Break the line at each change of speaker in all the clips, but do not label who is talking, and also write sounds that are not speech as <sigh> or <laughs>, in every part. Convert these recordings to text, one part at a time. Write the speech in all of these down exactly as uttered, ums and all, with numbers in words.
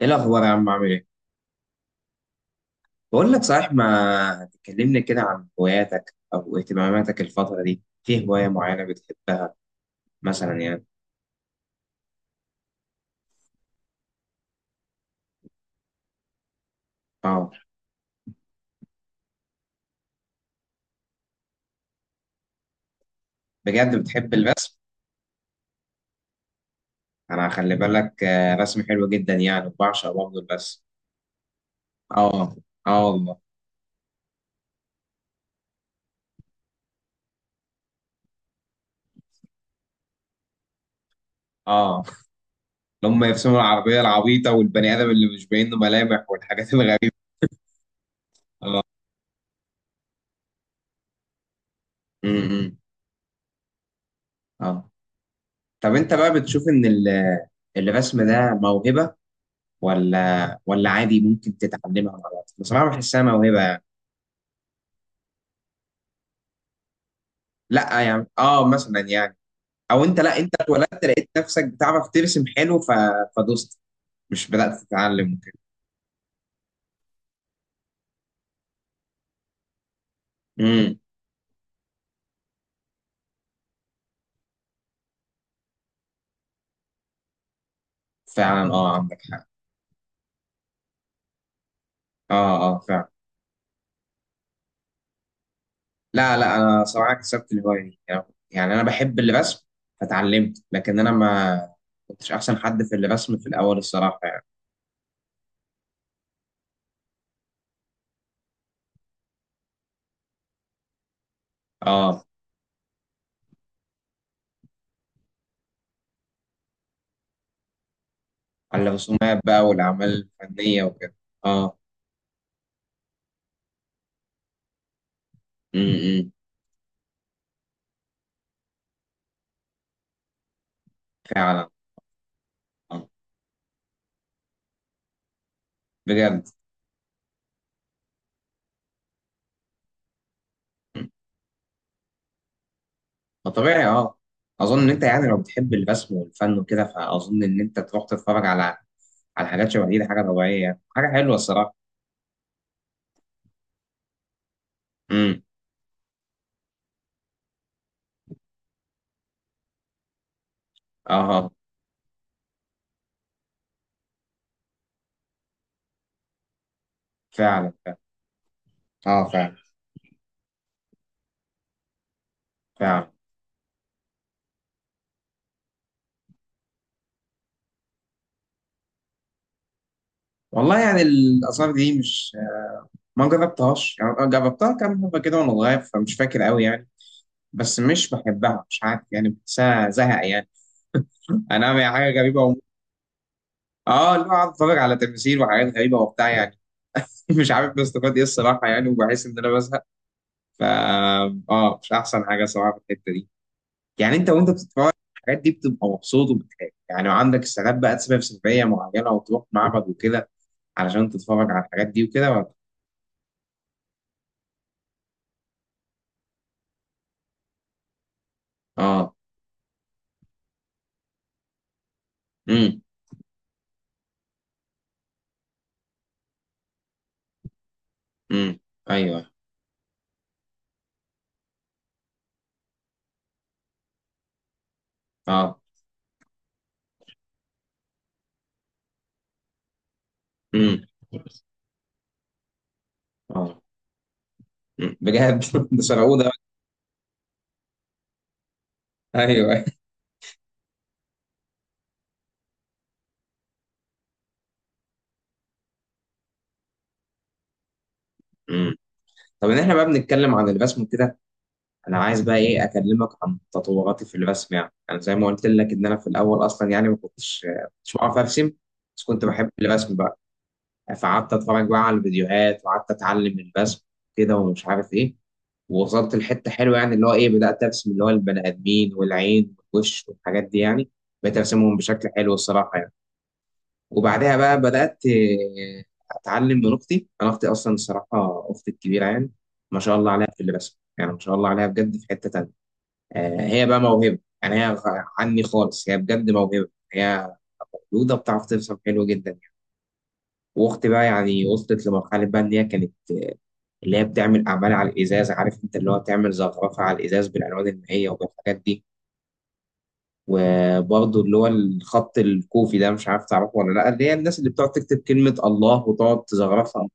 ايه الاخبار يا عم؟ عامل ايه؟ بقول لك صحيح، ما تكلمني كده عن هواياتك او اهتماماتك؟ الفتره دي في هوايه معينه بتحبها مثلا يعني اه؟ بجد بتحب الرسم؟ انا خلي بالك آه، رسم حلو جدا يعني، بعشق برضه الرسم. اه اه والله. اه، لما يرسموا العربيه العبيطه والبني ادم اللي مش باين له ملامح والحاجات <laughs> الغريبه. اه. امم. اه. طب انت بقى بتشوف ان ال- الرسم ده موهبه ولا ولا عادي ممكن تتعلمها مع الوقت؟ بصراحه بحسها موهبه. لا يعني اه، مثلا يعني، او انت، لا، انت اتولدت لقيت نفسك بتعرف ترسم حلو ف... فدوست، مش بدات تتعلم وكده. امم. فعلا اه، عندك حق. اه اه فعلا. لا لا انا صراحه كسبت الهوايه دي يعني، يعني انا بحب الرسم فتعلمت، لكن انا ما كنتش احسن حد في الرسم في الاول الصراحه يعني. اه، على الرسومات بقى والاعمال الفنيه وكده. اه. امم. فعلا. آه. بجد. ما طبيعي اه. اظن ان انت يعني لو بتحب الرسم والفن وكده، فاظن ان انت تروح تتفرج على، على حاجات شبه دي. ده حاجه طبيعيه يعني، حاجه حلوه الصراحه. امم. اه. آه. فعلا فعلا. اه فعلا فعلا. والله يعني الاثار دي مش، ما جربتهاش يعني، أنا جربتها كام مره كده وانا صغير فمش فاكر قوي يعني. بس مش بحبها، مش عارف يعني، بحسها زهق يعني. انا يعني حاجه غريبه و... اه، اللي هو قاعد اتفرج على تماثيل وحاجات غريبه وبتاع يعني. <laughs> مش عارف بستفاد ايه الصراحه يعني، وبحس ان انا بزهق. ف اه، مش احسن حاجه صراحه في الحته دي. يعني انت وانت بتتفرج الحاجات دي بتبقى مبسوط وبتحب يعني، وعندك ساعات بقى تسافر سفريه معينه وتروح معبد وكده علشان تتفرج على الحاجات دي وكده، ولا؟ اه. امم. امم. ايوه. اه. امم. اه. مم، بجد؟ <laughs> ده سرقوه ده. ايوه. امم. طب ان احنا بقى بنتكلم عن الرسم وكده، انا عايز بقى ايه اكلمك عن تطوراتي في الرسم. يعني انا زي ما قلت لك ان انا في الاول اصلا يعني ما كنتش ما كنتش بعرف ارسم، بس كنت بحب الرسم بقى، فقعدت اتفرج بقى على الفيديوهات وقعدت اتعلم الرسم كده ومش عارف ايه. ووصلت لحته حلوه يعني، اللي هو ايه، بدات ارسم اللي هو البني ادمين والعين والوش والحاجات دي يعني، بقيت ارسمهم بشكل حلو الصراحه يعني. وبعدها بقى بدات آه، اتعلم من اختي. انا اختي اصلا الصراحه، اختي الكبيره يعني، ما شاء الله عليها في الرسم يعني، ما شاء الله عليها بجد، في حته تانيه. آه، هي بقى موهبه يعني، هي غ- عني خالص، هي بجد موهبه، هي مولوده بتعرف ترسم حلو جدا يعني. واختي بقى يعني وصلت لمرحله بقى ان هي كانت اللي هي بتعمل أعمال على الإزاز، عارف أنت، اللي هو بتعمل زخرفة على الإزاز بالألوان المائية وبالحاجات دي. وبرضه اللي هو الخط الكوفي ده، مش عارف تعرفه ولا لأ، اللي هي الناس اللي بتقعد تكتب كلمة الله وتقعد تزخرفها.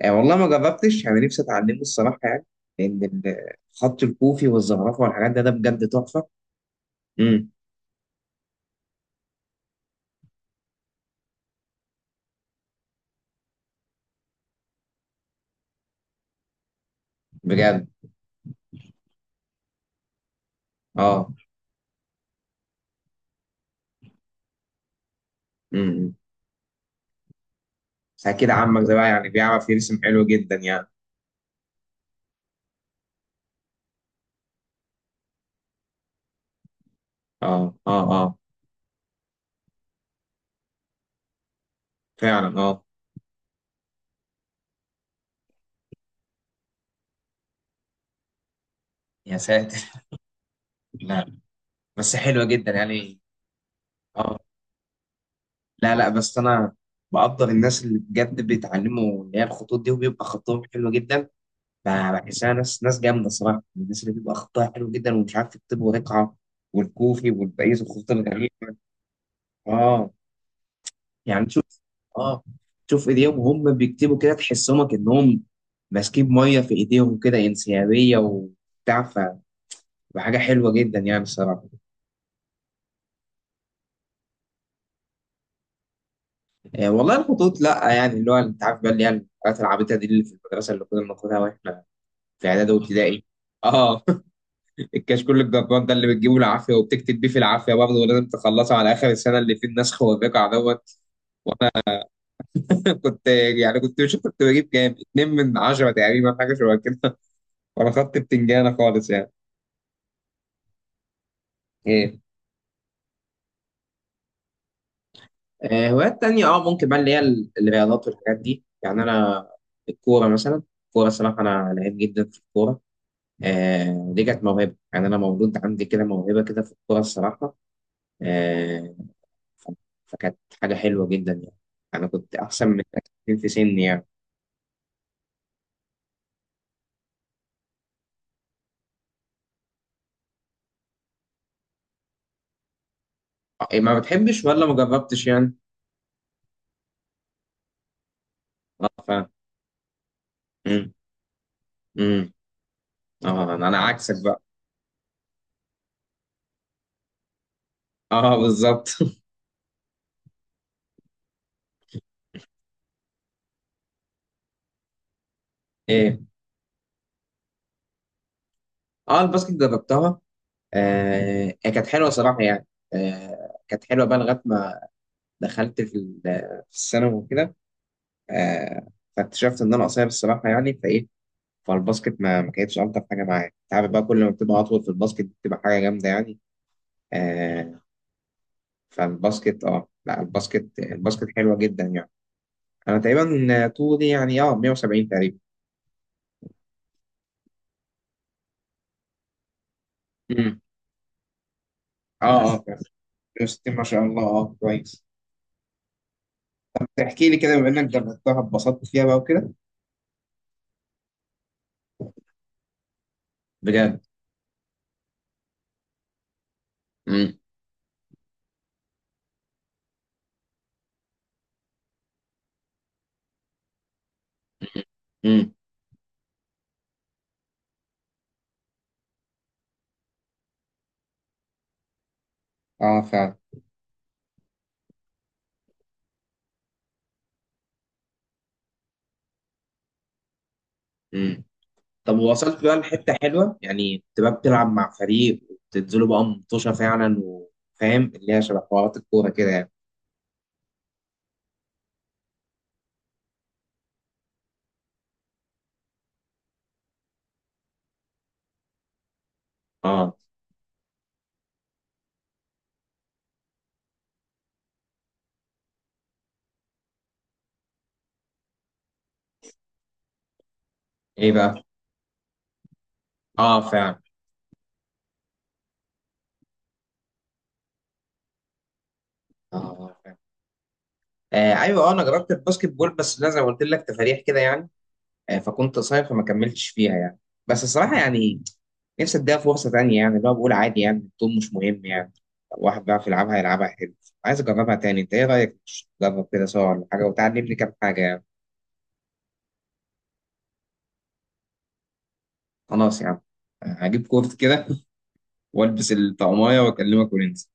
يعني والله ما جربتش أنا نفسي أتعلمه الصراحة يعني، لأن الخط الكوفي والزخرفة والحاجات ده، ده بجد تحفة. امم. بجد. اه. امم. أكيد عمك ده بقى يعني بيعرف يرسم حلو جدا يعني. اه اه اه فعلا. اه. يا ساتر. <laughs> لا، بس حلوة جدا يعني. اه. لا لا بس انا بقدر الناس اللي بجد بيتعلموا اللي هي الخطوط دي وبيبقى خطهم حلو جدا. ب- بحسها ناس ناس جامده صراحه، الناس اللي بيبقى خطها حلو جدا، ومش عارف يكتبوا رقعه والكوفي والباقي الخطوط الغريبه. اه. يعني تشوف، اه، تشوف ايديهم وهم بيكتبوا كده، تحسهم كانهم ماسكين ميه في ايديهم كده، انسيابيه وبتاع. فحاجه حلوه جدا يعني الصراحه. آه والله الخطوط، لا يعني، اللي هو انت عارف بقى، اللي هي الحاجات العبيطه دي اللي في المدرسه اللي كنا بناخدها واحنا في اعدادي وابتدائي. اه. <laughs> الكشكول الجبار ده، اللي بتجيبه العافيه وبتكتب بيه في العافيه برضه، ولازم تخلصه على اخر السنه، اللي فيه النسخ والرقع دوت. <laughs> كنت يعني، كنت مش، كنت بجيب كام؟ اتنين من عشره تقريبا، حاجه شبه كده. <laughs> وانا خدت بتنجانه خالص يعني. ايه؟ آه، هوايات تانية، اه، ممكن بقى اللي هي ال- الرياضات والحاجات دي يعني. انا الكوره مثلا، الكوره الصراحه انا لعيب جدا في الكوره. آه، دي كانت موهبه يعني، انا مولود عندي كده موهبه كده في الكوره الصراحه. آه. ف- فكانت حاجة حلوة جدا يعني. أنا كنت أحسن من الأكاديميين في سني يعني. آه، إيه، ما بتحبش ولا ما جربتش يعني؟ أه، فاهم. أمم. أمم. أه، أنا أنا عكسك بقى. أه بالظبط. <laughs> إيه؟ أه الباسكت جربتها. آه هي كانت حلوة صراحة يعني، آه كانت حلوة بقى لغاية ما دخلت في ال- في الثانوي وكده. آه. فاكتشفت إن أنا قصير الصراحة يعني، فإيه، فالباسكت ما ما كانتش ألطف حاجة معايا. أنت عارف بقى، كل ما بتبقى أطول في الباسكت بتبقى حاجة جامدة يعني. آه. فالباسكت اه، لا، الباسكت الباسكت حلوة جدا يعني. انا تقريبا طولي يعني اه مية وسبعين تقريبا. امم. اه اه مية وستين ما شاء الله، اه كويس. تحكي لي كده بما انك جربتها، اتبسطت فيها بقى وكده؟ بجد؟ امم. امم. اه فعلا. امم. طب وصلت بقى لحته حلوه يعني، تبقى بتلعب مع فريق وتنزلوا بقى مطوشه فعلا، وفاهم اللي هي شبه حوارات الكوره كده يعني. اه. ايه بقى؟ اه فعلا. اه. آه، فعلا. آه ايوه، آه، انا جربت الباسكت بول، بس لا زي ما قلت لك، تفاريح كده يعني. آه، فكنت صايم فما كملتش فيها يعني. بس الصراحة يعني، نفسي اديها فرصة تانية يعني، اللي هو بقول عادي يعني، الطول مش مهم يعني، لو واحد بيعرف يلعبها يلعبها حلو. عايز اجربها تاني، انت ايه رأيك؟ تجرب كده سوا ولا حاجة، وتعلمني كام حاجة يعني؟ خلاص يعني. هجيب كورت كده والبس الطقمية واكلمك وننزل.